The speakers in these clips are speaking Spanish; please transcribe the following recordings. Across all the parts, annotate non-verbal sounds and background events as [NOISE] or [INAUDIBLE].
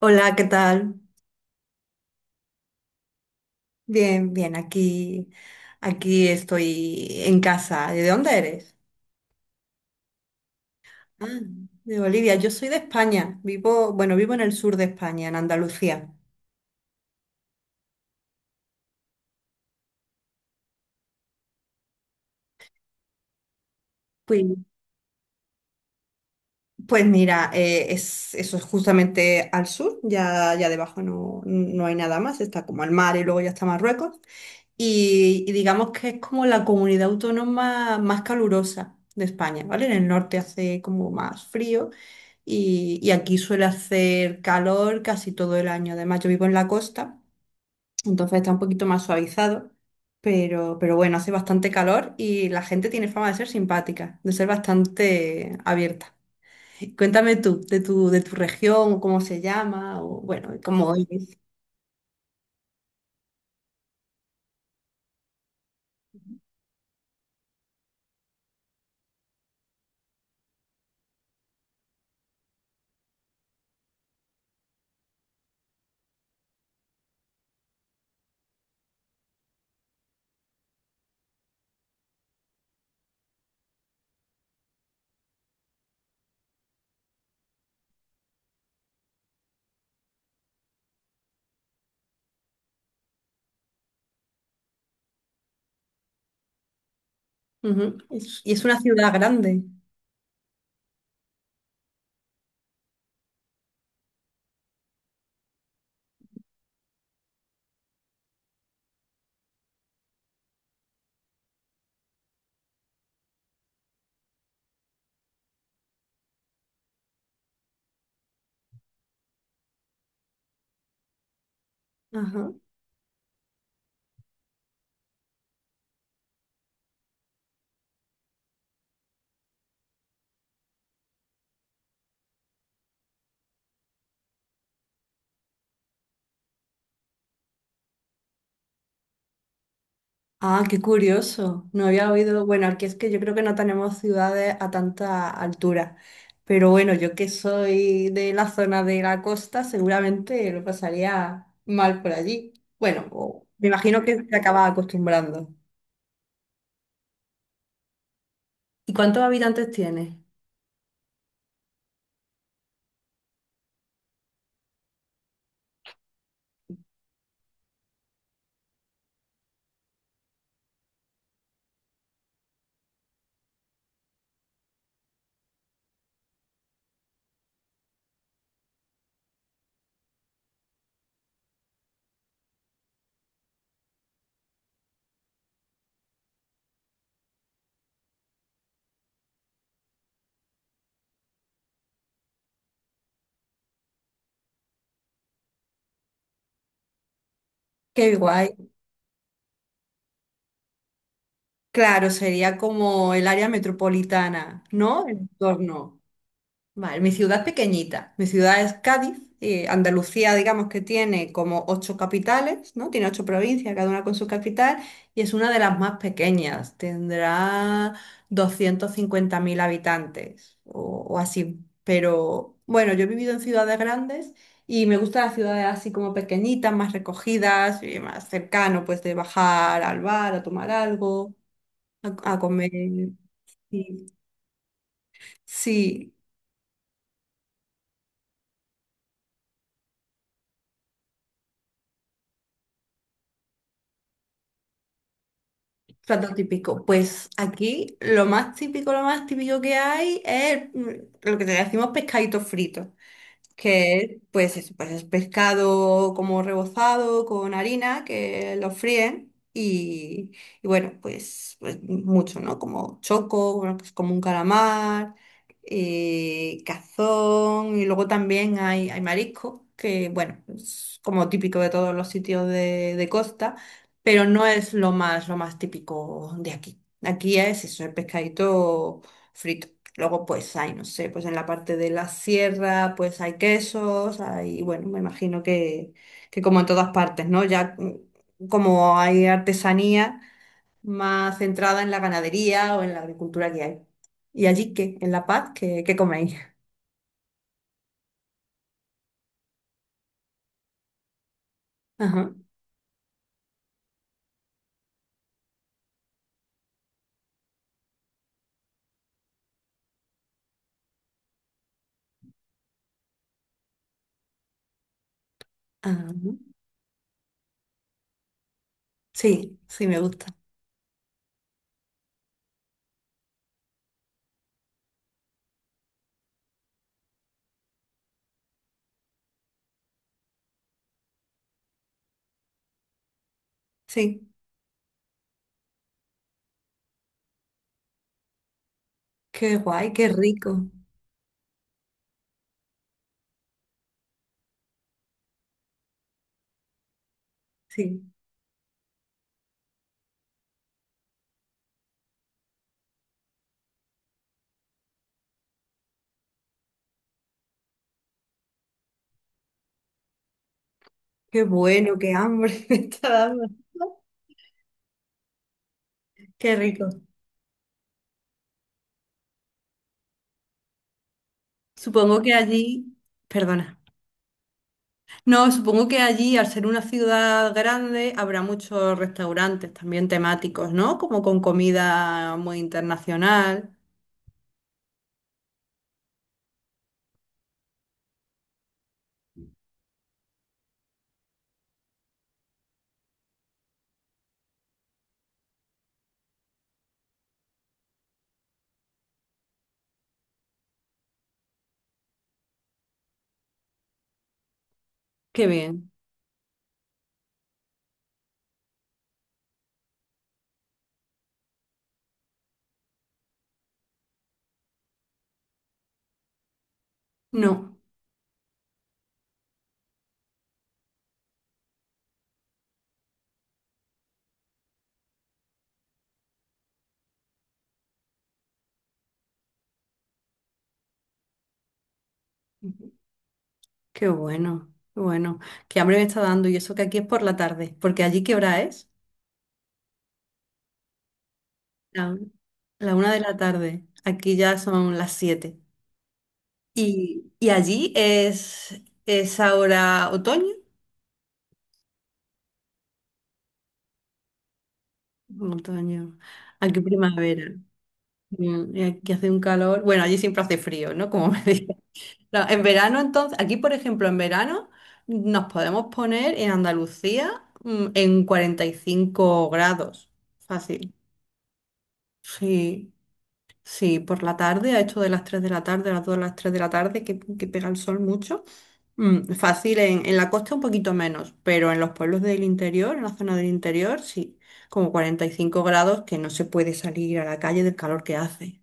Hola, ¿qué tal? Bien, bien, aquí estoy en casa. ¿De dónde eres? Ah, de Bolivia. Yo soy de España. Bueno, vivo en el sur de España, en Andalucía. Pues, pues mira, eso es justamente al sur, ya debajo no hay nada más, está como el mar y luego ya está Marruecos. Y digamos que es como la comunidad autónoma más calurosa de España, ¿vale? En el norte hace como más frío y aquí suele hacer calor casi todo el año. Además, yo vivo en la costa, entonces está un poquito más suavizado, pero bueno, hace bastante calor y la gente tiene fama de ser simpática, de ser bastante abierta. Cuéntame tú, de tu región, o cómo se llama, o bueno, cómo es. Ujú. Y es una ciudad grande. Ah, qué curioso. No había oído. Bueno, aquí es que yo creo que no tenemos ciudades a tanta altura. Pero bueno, yo que soy de la zona de la costa, seguramente lo pasaría mal por allí. Bueno, me imagino que te acabas acostumbrando. ¿Y cuántos habitantes tiene? Qué guay. Claro, sería como el área metropolitana, ¿no? El entorno. Vale, mi ciudad es pequeñita. Mi ciudad es Cádiz. Andalucía, digamos que tiene como ocho capitales, ¿no? Tiene ocho provincias, cada una con su capital, y es una de las más pequeñas. Tendrá 250.000 habitantes o así. Pero bueno, yo he vivido en ciudades grandes y me gustan las ciudades así como pequeñitas, más recogidas, y más cercano, pues de bajar al bar a tomar algo, a comer. Sí, sí. Plato típico. Pues aquí lo más típico que hay es lo que te decimos pescadito frito que pues es pescado como rebozado con harina, que lo fríen y bueno, pues mucho, ¿no? Como choco, bueno, pues como un calamar, cazón y luego también hay marisco, que bueno, es como típico de todos los sitios de costa, pero no es lo más típico de aquí. Aquí es eso, el pescadito frito. Luego, pues hay, no sé, pues en la parte de la sierra, pues hay quesos, hay, bueno, me imagino que como en todas partes, ¿no? Ya como hay artesanía más centrada en la ganadería o en la agricultura que hay. ¿Y allí qué? ¿En La Paz? ¿Qué coméis? [LAUGHS] Ajá. Ah, sí, sí, me gusta. Sí, qué guay, qué rico. Sí, qué bueno, qué hambre [LAUGHS] me está dando. Qué rico. Supongo que allí, perdona. No, supongo que allí, al ser una ciudad grande, habrá muchos restaurantes también temáticos, ¿no? Como con comida muy internacional. Qué bien. No. Ujú. Qué bueno, qué bueno. Qué hambre me está dando y eso que aquí es por la tarde, porque allí ¿qué hora es? La, la una de la tarde. Aquí ya son las siete. Y allí es ahora otoño. Otoño. Aquí primavera. Y aquí hace un calor. Bueno, allí siempre hace frío, ¿no? Como [LAUGHS] me dices. No, en verano, entonces, aquí, por ejemplo, en verano nos podemos poner en Andalucía en 45 grados. Fácil. Sí, sí, por la tarde, a esto de las 3 de la tarde, a las 2 de las tres de la tarde, que pega el sol mucho. Fácil, en la costa un poquito menos, pero en los pueblos del interior, en la zona del interior, sí, como 45 grados que no se puede salir a la calle del calor que hace.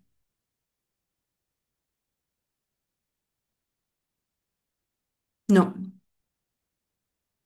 No.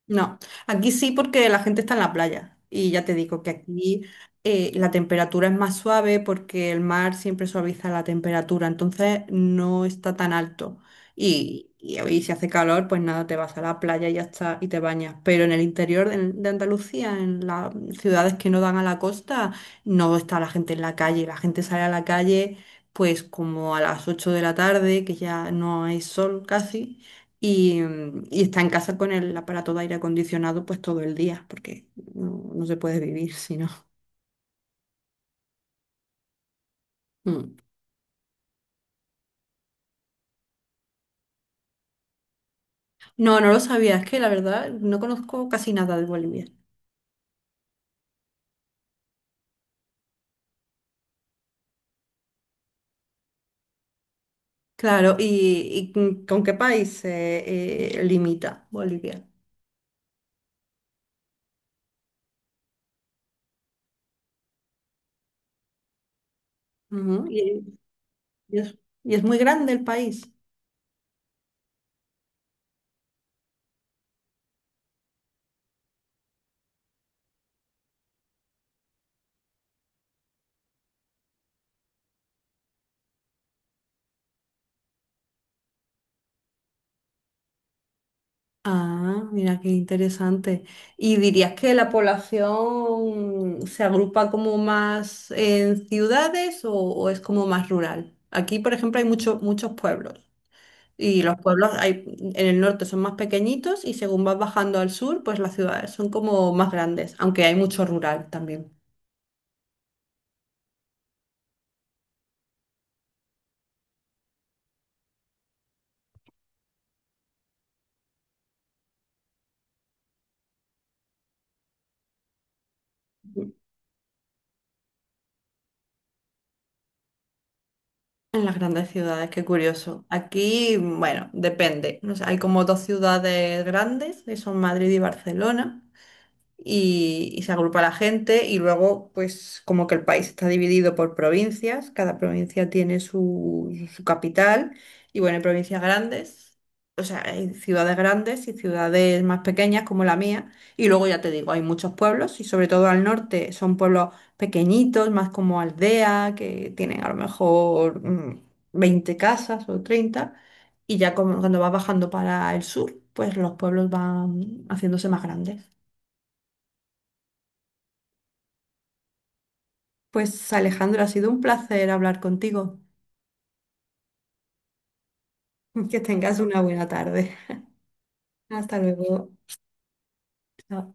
No, aquí sí porque la gente está en la playa y ya te digo que aquí la temperatura es más suave porque el mar siempre suaviza la temperatura, entonces no está tan alto. Y si hace calor, pues nada, te vas a la playa y ya está y te bañas. Pero en el interior de Andalucía, en las ciudades que no dan a la costa, no está la gente en la calle. La gente sale a la calle pues como a las 8 de la tarde, que ya no hay sol casi y, y está en casa con el aparato de aire acondicionado pues todo el día, porque no se puede vivir si no. Mm. No, no lo sabía, es que la verdad no conozco casi nada de Bolivia. Claro, ¿y con qué país limita Bolivia? Ujú. Y es, y es muy grande el país. Ah, mira qué interesante. ¿Y dirías que la población se agrupa como más en ciudades o es como más rural? Aquí, por ejemplo, hay muchos muchos pueblos y los pueblos hay, en el norte son más pequeñitos y según vas bajando al sur, pues las ciudades son como más grandes, aunque hay mucho rural también. En las grandes ciudades, qué curioso. Aquí, bueno, depende. O sea, hay como dos ciudades grandes, que son Madrid y Barcelona. Y y se agrupa la gente y luego pues como que el país está dividido por provincias, cada provincia tiene su, su capital y bueno, hay provincias grandes, o sea, hay ciudades grandes y ciudades más pequeñas como la mía y luego ya te digo, hay muchos pueblos y sobre todo al norte son pueblos pequeñitos, más como aldea, que tienen a lo mejor 20 casas o 30 y ya como cuando vas bajando para el sur, pues los pueblos van haciéndose más grandes. Pues Alejandro, ha sido un placer hablar contigo. [LAUGHS] Que tengas una buena tarde. Hasta luego. Chao.